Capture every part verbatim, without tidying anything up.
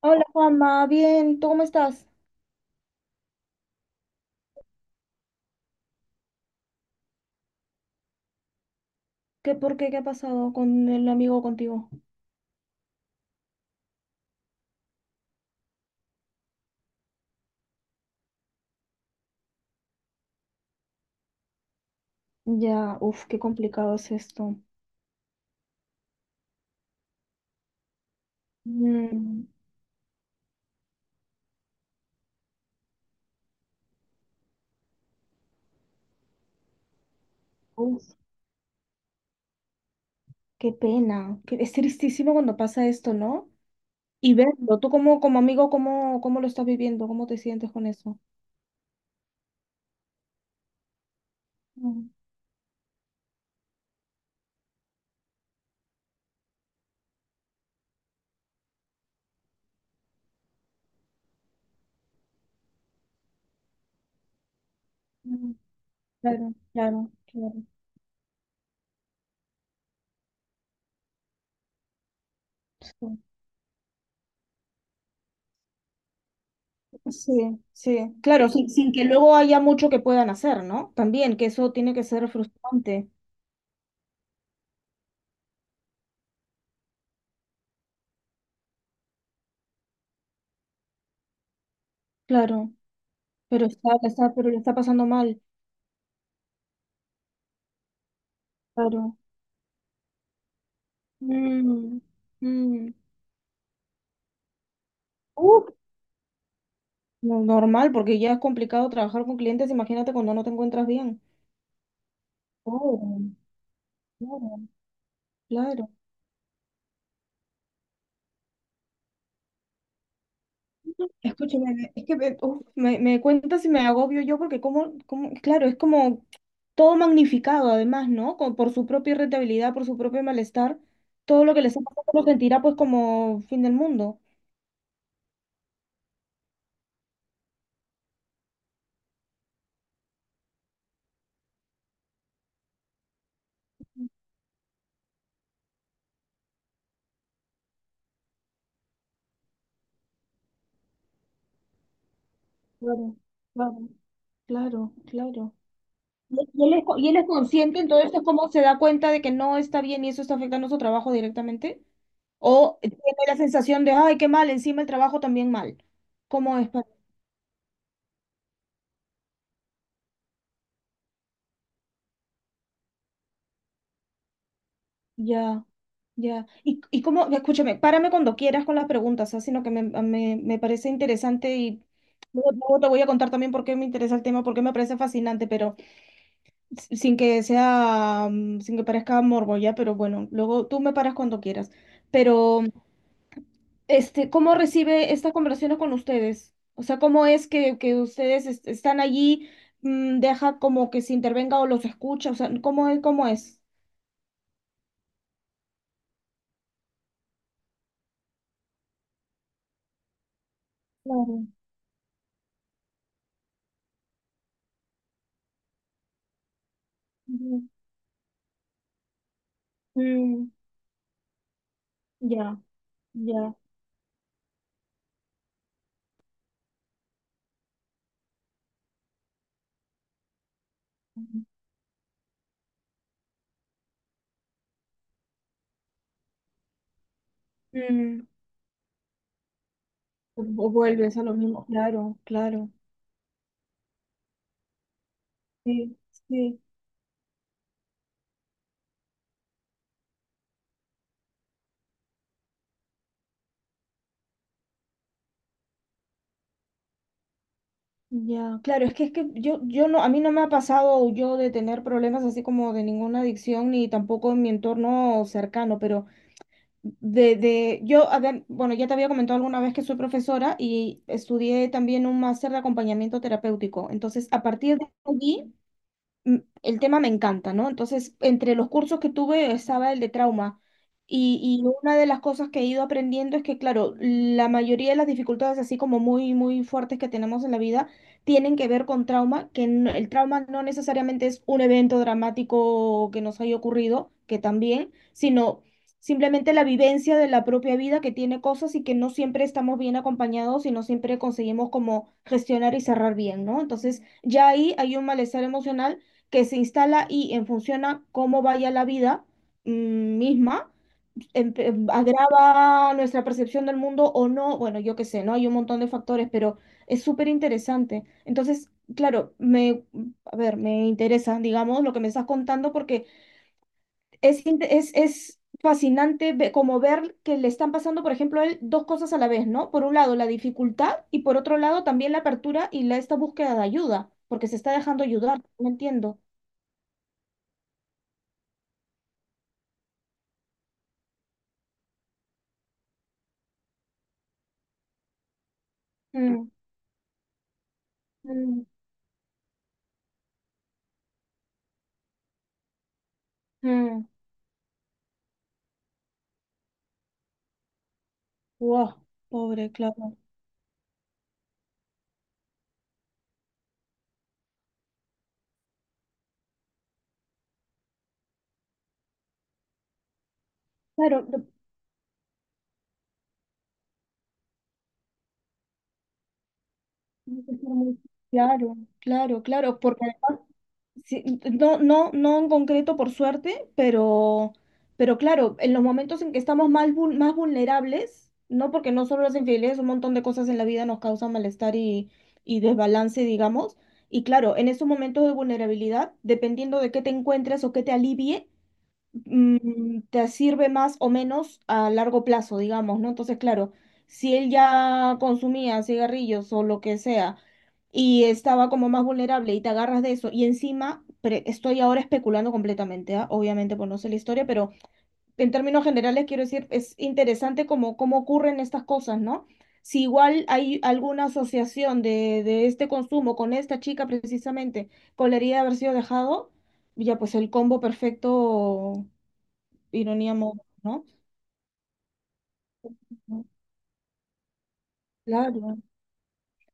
Hola Juanma, bien, ¿tú cómo estás? ¿Qué, por qué? ¿Qué ha pasado con el amigo contigo? Ya, uf, qué complicado es esto. Mm, Uf, qué pena. Que es tristísimo cuando pasa esto, ¿no? Y verlo, tú como, como amigo, ¿cómo, cómo lo estás viviendo? ¿Cómo te sientes con eso? Mm, mm. Claro, claro, claro. Sí, sí, claro, sin, sin que luego haya mucho que puedan hacer, ¿no? También, que eso tiene que ser frustrante, claro, pero está, está, pero le está pasando mal, claro. Mm, mm. Uh, no, normal, porque ya es complicado trabajar con clientes, imagínate cuando no te encuentras bien. Oh, claro, claro. Escúchame, es que me, uf, me, me cuentas y me agobio yo porque como, como, claro, es como todo magnificado además, ¿no? Con- por su propia irritabilidad, por su propio malestar, todo lo que les ha pasado lo sentirá pues como fin del mundo. Claro, claro, claro, claro. Y y él es, co- y él es consciente, entonces es como se da cuenta de que no está bien y eso está afectando su trabajo directamente. O tiene la sensación de, ay, qué mal, encima el trabajo también mal. ¿Cómo es? para- Ya, ya. Y, y cómo, escúchame, párame cuando quieras con las preguntas, así sino que me, ah, me, me parece interesante y luego, luego te voy a contar también por qué me interesa el tema, por qué me parece fascinante, pero s- sin que sea, mm, sin que parezca morbo, ya, pero bueno, luego tú me paras cuando quieras. Pero. Este, ¿cómo recibe esta conversación con ustedes? O sea, ¿cómo es que, que ustedes est- están allí, mm, deja como que se intervenga o los escucha? O sea, ¿cómo es, cómo es? Claro. Ujú. Mm, ya, ya. Ujú. Mm, O- o vuelves a lo mismo. Claro, claro. Sí, sí. Ya, claro, es que es que yo, yo no, a mí no me ha pasado yo de tener problemas así como de ninguna adicción, ni tampoco en mi entorno cercano, pero De, de, yo, a ver, bueno, ya te había comentado alguna vez que soy profesora y estudié también un máster de acompañamiento terapéutico. Entonces, a partir de allí mm, el tema me encanta, ¿no? Entonces, entre los cursos que tuve estaba el de trauma. Y, y una de las cosas que he ido aprendiendo es que, claro, la mayoría de las dificultades, así como muy, muy fuertes que tenemos en la vida, tienen que ver con trauma, que no- el trauma no necesariamente es un evento dramático que nos haya ocurrido, que también, sino simplemente la vivencia de la propia vida que tiene cosas y que no siempre estamos bien acompañados y no siempre conseguimos como gestionar y cerrar bien, ¿no? Entonces, ya ahí hay un malestar emocional que se instala y en función a cómo vaya la vida mm, misma, em- em, agrava nuestra percepción del mundo o no, bueno, yo qué sé, ¿no? Hay un montón de factores, pero es súper interesante. Entonces, claro, me, a ver, me interesa, digamos, lo que me estás contando porque es, inte- es, es fascinante ve- como ver que le están pasando, por ejemplo, a él dos cosas a la vez, ¿no? Por un lado, la dificultad y por otro lado, también la apertura y la, esta búsqueda de ayuda, porque se está dejando ayudar, no entiendo. Mm, mm. Wow, pobre, claro. Claro, lo- tiene que ser muy- claro, claro, claro, porque sí, no, no, no en concreto por suerte, pero, pero claro, en los momentos en que estamos más, vul- más vulnerables, no porque no solo las infidelidades, un montón de cosas en la vida nos causan malestar y, y desbalance, digamos, y claro, en esos momentos de vulnerabilidad, dependiendo de qué te encuentres o qué te alivie, mm, te sirve más o menos a largo plazo, digamos, ¿no? Entonces, claro, si él ya consumía cigarrillos o lo que sea y estaba como más vulnerable y te agarras de eso y encima, pre- estoy ahora especulando completamente, ¿ah? Obviamente, pues no sé la historia, pero en términos generales quiero decir, es interesante como cómo ocurren estas cosas, ¿no? Si igual hay alguna asociación de, de este consumo con esta chica precisamente, con la herida de haber sido dejado, ya pues el combo perfecto ironía móvil, ¿no? Claro.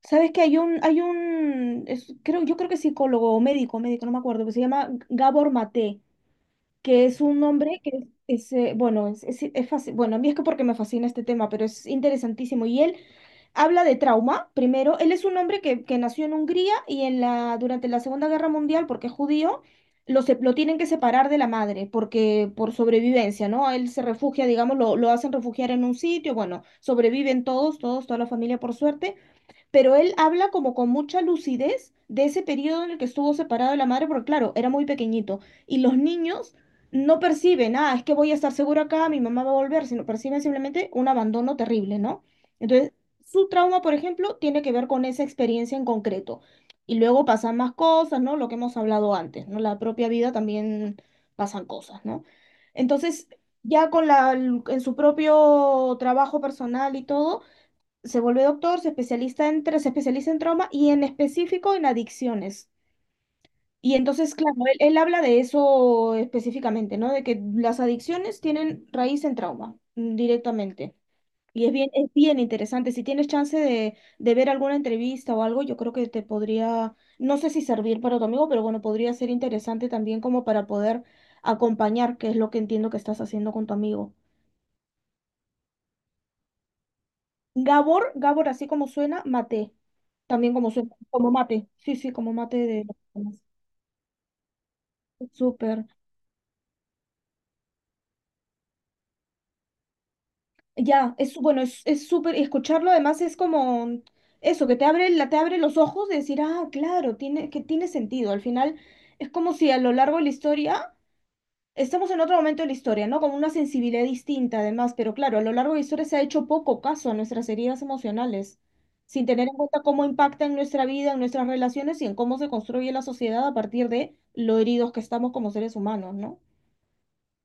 ¿Sabes que hay un, hay un, es- creo, yo creo que es psicólogo o médico, médico, no me acuerdo, que se llama Gabor Maté, que es un hombre que es, es, eh, bueno, es, es, es fácil, bueno, a mí es que porque me fascina este tema, pero es interesantísimo. Y él habla de trauma, primero, él es un hombre que, que nació en Hungría y en la, durante la Segunda Guerra Mundial, porque es judío, lo, se- lo tienen que separar de la madre, porque por sobrevivencia, ¿no? Él se refugia, digamos, lo, lo hacen refugiar en un sitio, bueno, sobreviven todos, todos, toda la familia por suerte, pero él habla como con mucha lucidez de ese periodo en el que estuvo separado de la madre, porque claro, era muy pequeñito. Y los niños no perciben, ah, es que voy a estar seguro acá, mi mamá va a volver, sino perciben simplemente un abandono terrible, ¿no? Entonces, su trauma, por ejemplo, tiene que ver con esa experiencia en concreto. Y luego pasan más cosas, ¿no? Lo que hemos hablado antes, ¿no? La propia vida también pasan cosas, ¿no? Entonces, ya con la, en su propio trabajo personal y todo, se vuelve doctor, se especializa en, tra- se especializa en trauma y en específico en adicciones. Y entonces, claro, él, él habla de eso específicamente, ¿no? De que las adicciones tienen raíz en trauma, mm, directamente. Y es bien, es bien interesante. Si tienes chance de, de ver alguna entrevista o algo, yo creo que te podría, no sé si servir para tu amigo, pero bueno, podría ser interesante también como para poder acompañar, que es lo que entiendo que estás haciendo con tu amigo. Gabor, Gabor, así como suena, mate. También como suena, como mate. Sí, sí, como mate de... Súper. Ya, es bueno, es, es súper, y escucharlo además es como eso, que te abre, la, te abre los ojos de decir, ah, claro, tiene, que tiene sentido. Al final es como si a lo largo de la historia estamos en otro momento de la historia, ¿no? Con una sensibilidad distinta, además, pero claro, a lo largo de la historia se ha hecho poco caso a nuestras heridas emocionales, sin tener en cuenta cómo impacta en nuestra vida, en nuestras relaciones y en cómo se construye la sociedad a partir de lo heridos que estamos como seres humanos, ¿no?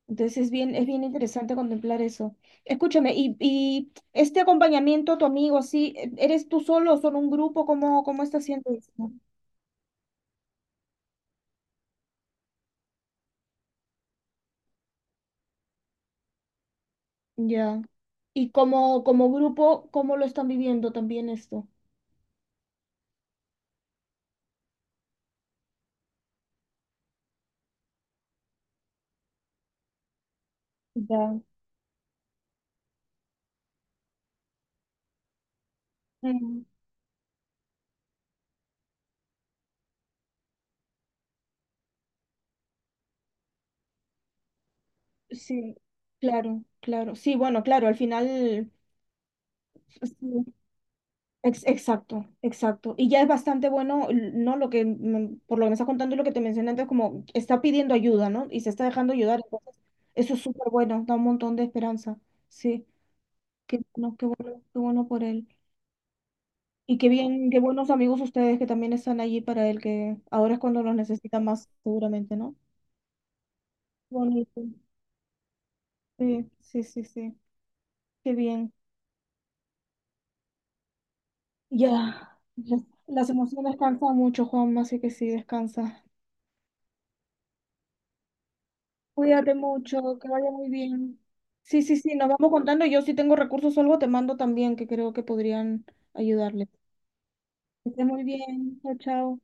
Entonces es bien, es bien interesante contemplar eso. Escúchame, y, y este acompañamiento, a tu amigo, así, e- ¿eres tú solo o son un grupo? ¿Cómo, cómo está haciendo esto? Ya. Y como, como grupo, ¿cómo lo están viviendo también esto? Ya. Mm, Sí, claro, claro. Sí, bueno, claro, al final, sí, ex- exacto, exacto. Y ya es bastante bueno, l- ¿no? Lo que, me- por lo que me estás contando y lo que te mencioné antes, como está pidiendo ayuda, ¿no? Y se está dejando ayudar, entonces, eso es súper bueno, da un montón de esperanza. Sí, qué bueno, qué bueno, qué bueno por él. Y qué bien, qué buenos amigos ustedes que también están allí para él, que ahora es cuando los necesita más, seguramente, ¿no? Bonito. Sí, sí, sí, sí. Qué bien. Ya, las las emociones cansan mucho, Juanma, así que sí, descansa. Cuídate mucho, que vaya muy bien. Sí, sí, sí, nos vamos contando. Yo si tengo recursos o algo, te mando también, que creo que podrían ayudarle. Que esté muy bien. Chao, chao.